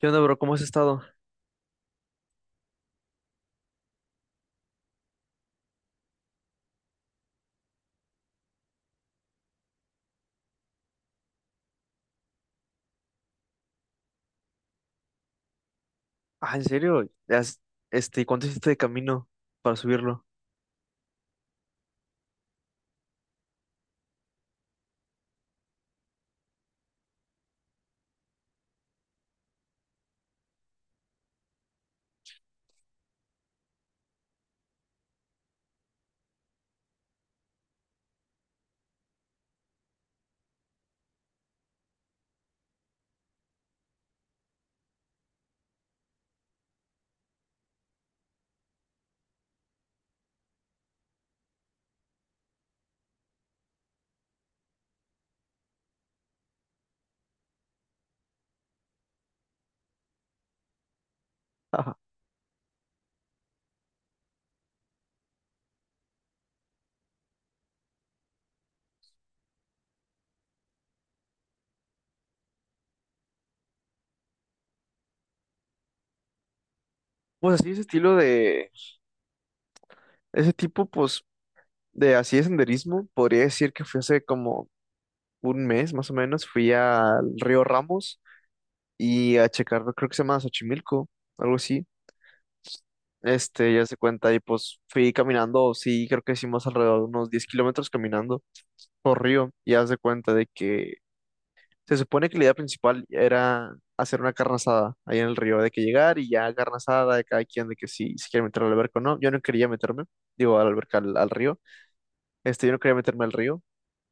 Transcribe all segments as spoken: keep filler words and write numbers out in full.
¿Qué onda, bro? ¿Cómo has estado? Ah, ¿en serio? Ya has- Este, ¿cuánto hiciste de camino para subirlo? Ajá. Pues así ese estilo de, ese tipo pues de así de senderismo, podría decir que fui hace como un mes más o menos, fui al río Ramos y a checar, creo que se llama Xochimilco, algo así, este, ya se cuenta y pues fui caminando, sí, creo que hicimos alrededor de unos diez kilómetros caminando por río, y haz de cuenta de que se supone que la idea principal era hacer una carne asada ahí en el río, de que llegar y ya carne asada de cada quien, de que si se quiere meter al alberca o no. Yo no quería meterme, digo, al alberca, al, al río. Este, yo no quería meterme al río,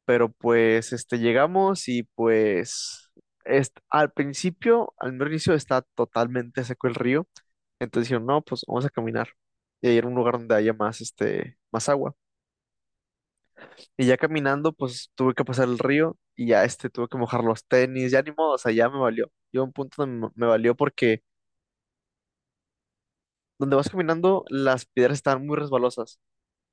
pero pues este, llegamos y pues est- al principio, al mero inicio, está totalmente seco el río. Entonces dijeron, no, pues vamos a caminar. Y ahí era un lugar donde haya más, este, más agua. Y ya caminando, pues tuve que pasar el río, y ya este tuve que mojar los tenis, ya ni modo, o sea, ya me valió. Yo a un punto donde me me valió porque donde vas caminando las piedras estaban muy resbalosas,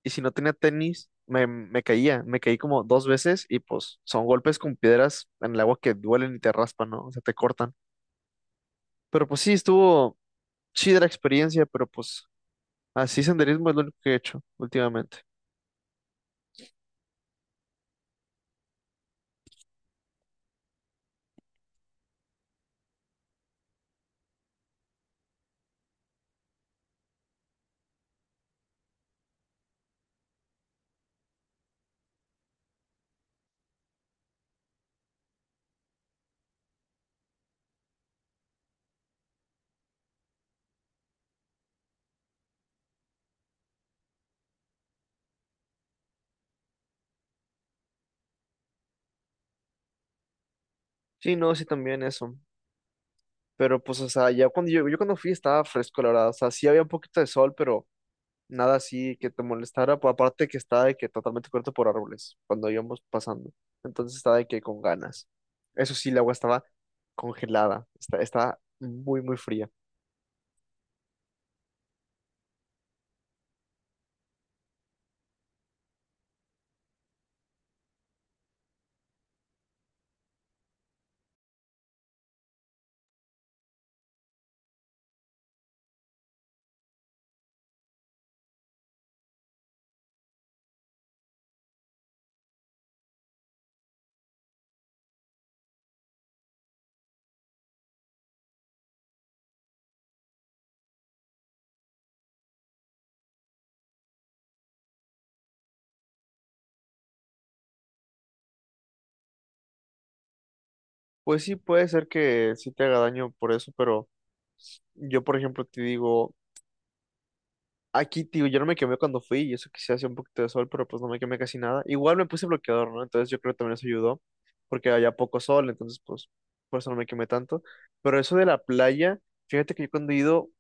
y si no tenía tenis me, me caía, me caí como dos veces, y pues son golpes con piedras en el agua que duelen y te raspan, ¿no? O sea, te cortan. Pero pues sí, estuvo chida la experiencia, pero pues así senderismo es lo único que he hecho últimamente. Sí, no, sí también eso. Pero pues, o sea, ya cuando yo, yo cuando fui estaba fresco, la verdad. O sea, sí había un poquito de sol, pero nada así que te molestara, pues aparte que está de que totalmente cubierto por árboles cuando íbamos pasando. Entonces está de que con ganas. Eso sí, el agua estaba congelada, está, está muy, muy fría. Pues sí, puede ser que sí te haga daño por eso, pero yo, por ejemplo, te digo, aquí, tío, yo no me quemé cuando fui, y eso que sí hacía un poquito de sol, pero pues no me quemé casi nada. Igual me puse bloqueador, ¿no? Entonces yo creo que también eso ayudó, porque había poco sol, entonces pues por eso no me quemé tanto. Pero eso de la playa, fíjate que yo cuando he ido,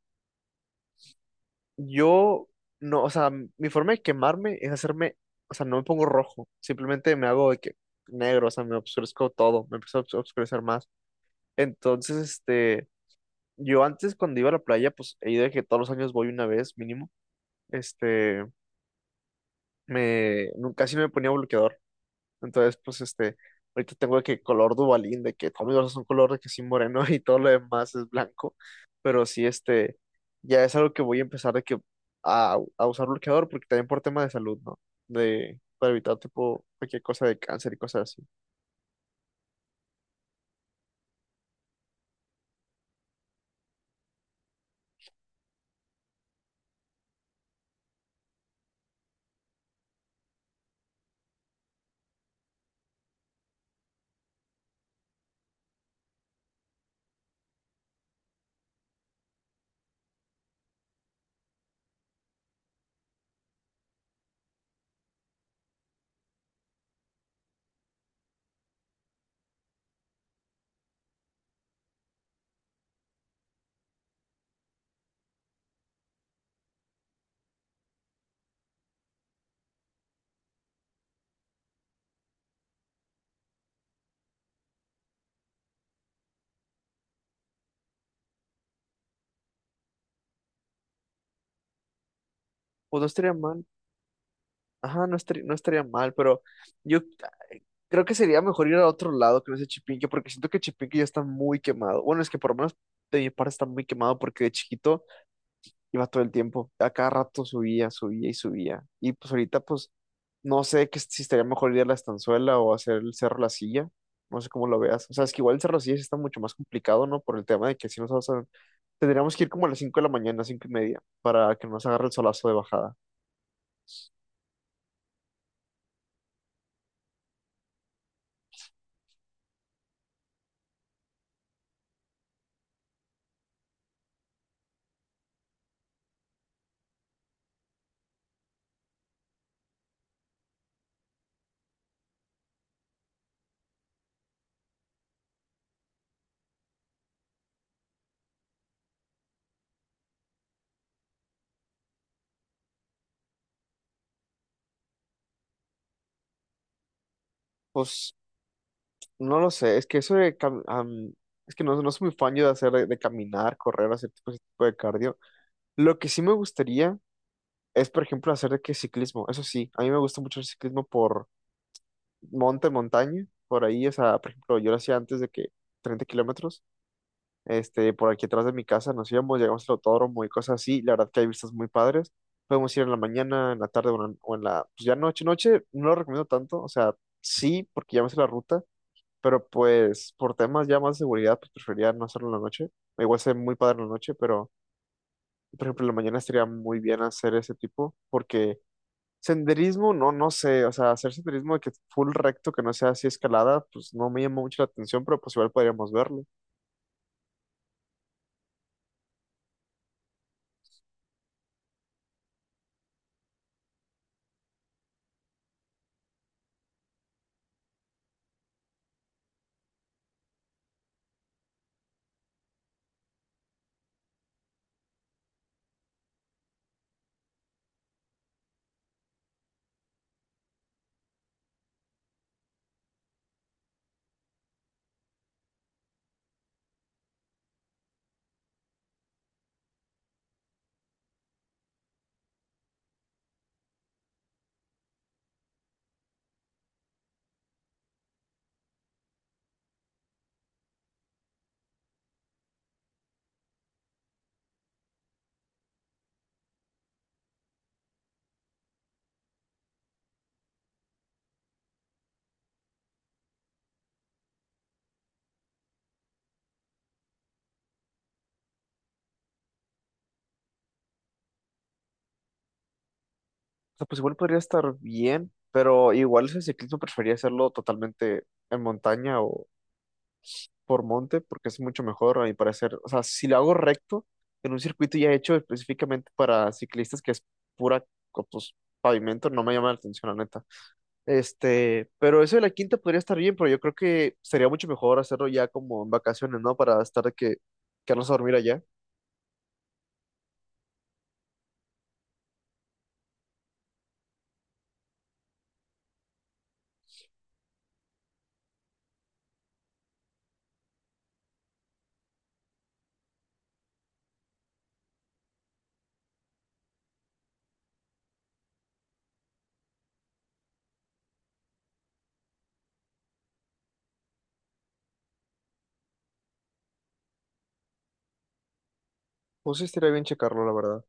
yo no, o sea, mi forma de quemarme es hacerme, o sea, no me pongo rojo, simplemente me hago de que negro, o sea, me obscurezco todo, me empiezo a obs- obscurecer más. Entonces, este, yo antes cuando iba a la playa, pues he ido de que todos los años voy una vez mínimo, este, me, nu- casi no me ponía bloqueador. Entonces, pues este, ahorita tengo de que color Dubalín, de que Tommy Verso es un color de que sí moreno y todo lo demás es blanco, pero sí este, ya es algo que voy a empezar de que a, a usar bloqueador, porque también por tema de salud, ¿no? De, para evitar tipo cualquier cosa de cáncer y cosas así. Pues no estaría mal, ajá, no estaría, no estaría mal, pero yo creo que sería mejor ir a otro lado que no sea Chipinque, porque siento que Chipinque ya está muy quemado. Bueno, es que por lo menos de mi parte está muy quemado porque de chiquito iba todo el tiempo, a cada rato subía, subía y subía. Y pues ahorita pues no sé que, si estaría mejor ir a la Estanzuela o hacer el Cerro La Silla. No sé cómo lo veas. O sea, es que igual el Cerro La Silla sí está mucho más complicado, ¿no? Por el tema de que si nos vamos a- tendríamos que ir como a las cinco de la mañana, cinco y media, para que no nos agarre el solazo de bajada. Pues no lo sé, es que eso de... cam- am, es que no, no soy muy fan yo de hacer, de, de caminar, correr, hacer tipo, ese tipo de cardio. Lo que sí me gustaría es, por ejemplo, hacer de que ciclismo. Eso sí, a mí me gusta mucho el ciclismo por monte, montaña, por ahí, o sea, por ejemplo, yo lo hacía antes de que treinta kilómetros, este, por aquí atrás de mi casa nos íbamos, llegamos al autódromo y cosas así, la verdad que hay vistas muy padres, podemos ir en la mañana, en la tarde o en, la, o en la, pues ya noche, noche, no lo recomiendo tanto, o sea, sí, porque ya me sé la ruta, pero pues por temas ya más de seguridad, pues preferiría no hacerlo en la noche, igual sé muy padre en la noche, pero por ejemplo, en la mañana estaría muy bien hacer ese tipo, porque senderismo, no, no sé, o sea, hacer senderismo de que full recto, que no sea así escalada, pues no me llamó mucho la atención, pero pues igual podríamos verlo. O sea, pues igual podría estar bien, pero igual ese ciclismo prefería hacerlo totalmente en montaña o por monte, porque es mucho mejor a mi parecer. O sea, si lo hago recto, en un circuito ya hecho específicamente para ciclistas, que es pura, co- pues, pavimento, no me llama la atención, la neta. Este, pero eso de la quinta podría estar bien, pero yo creo que sería mucho mejor hacerlo ya como en vacaciones, ¿no? Para estar de que quedarnos a dormir allá. Pues sí, estaría bien checarlo, la verdad.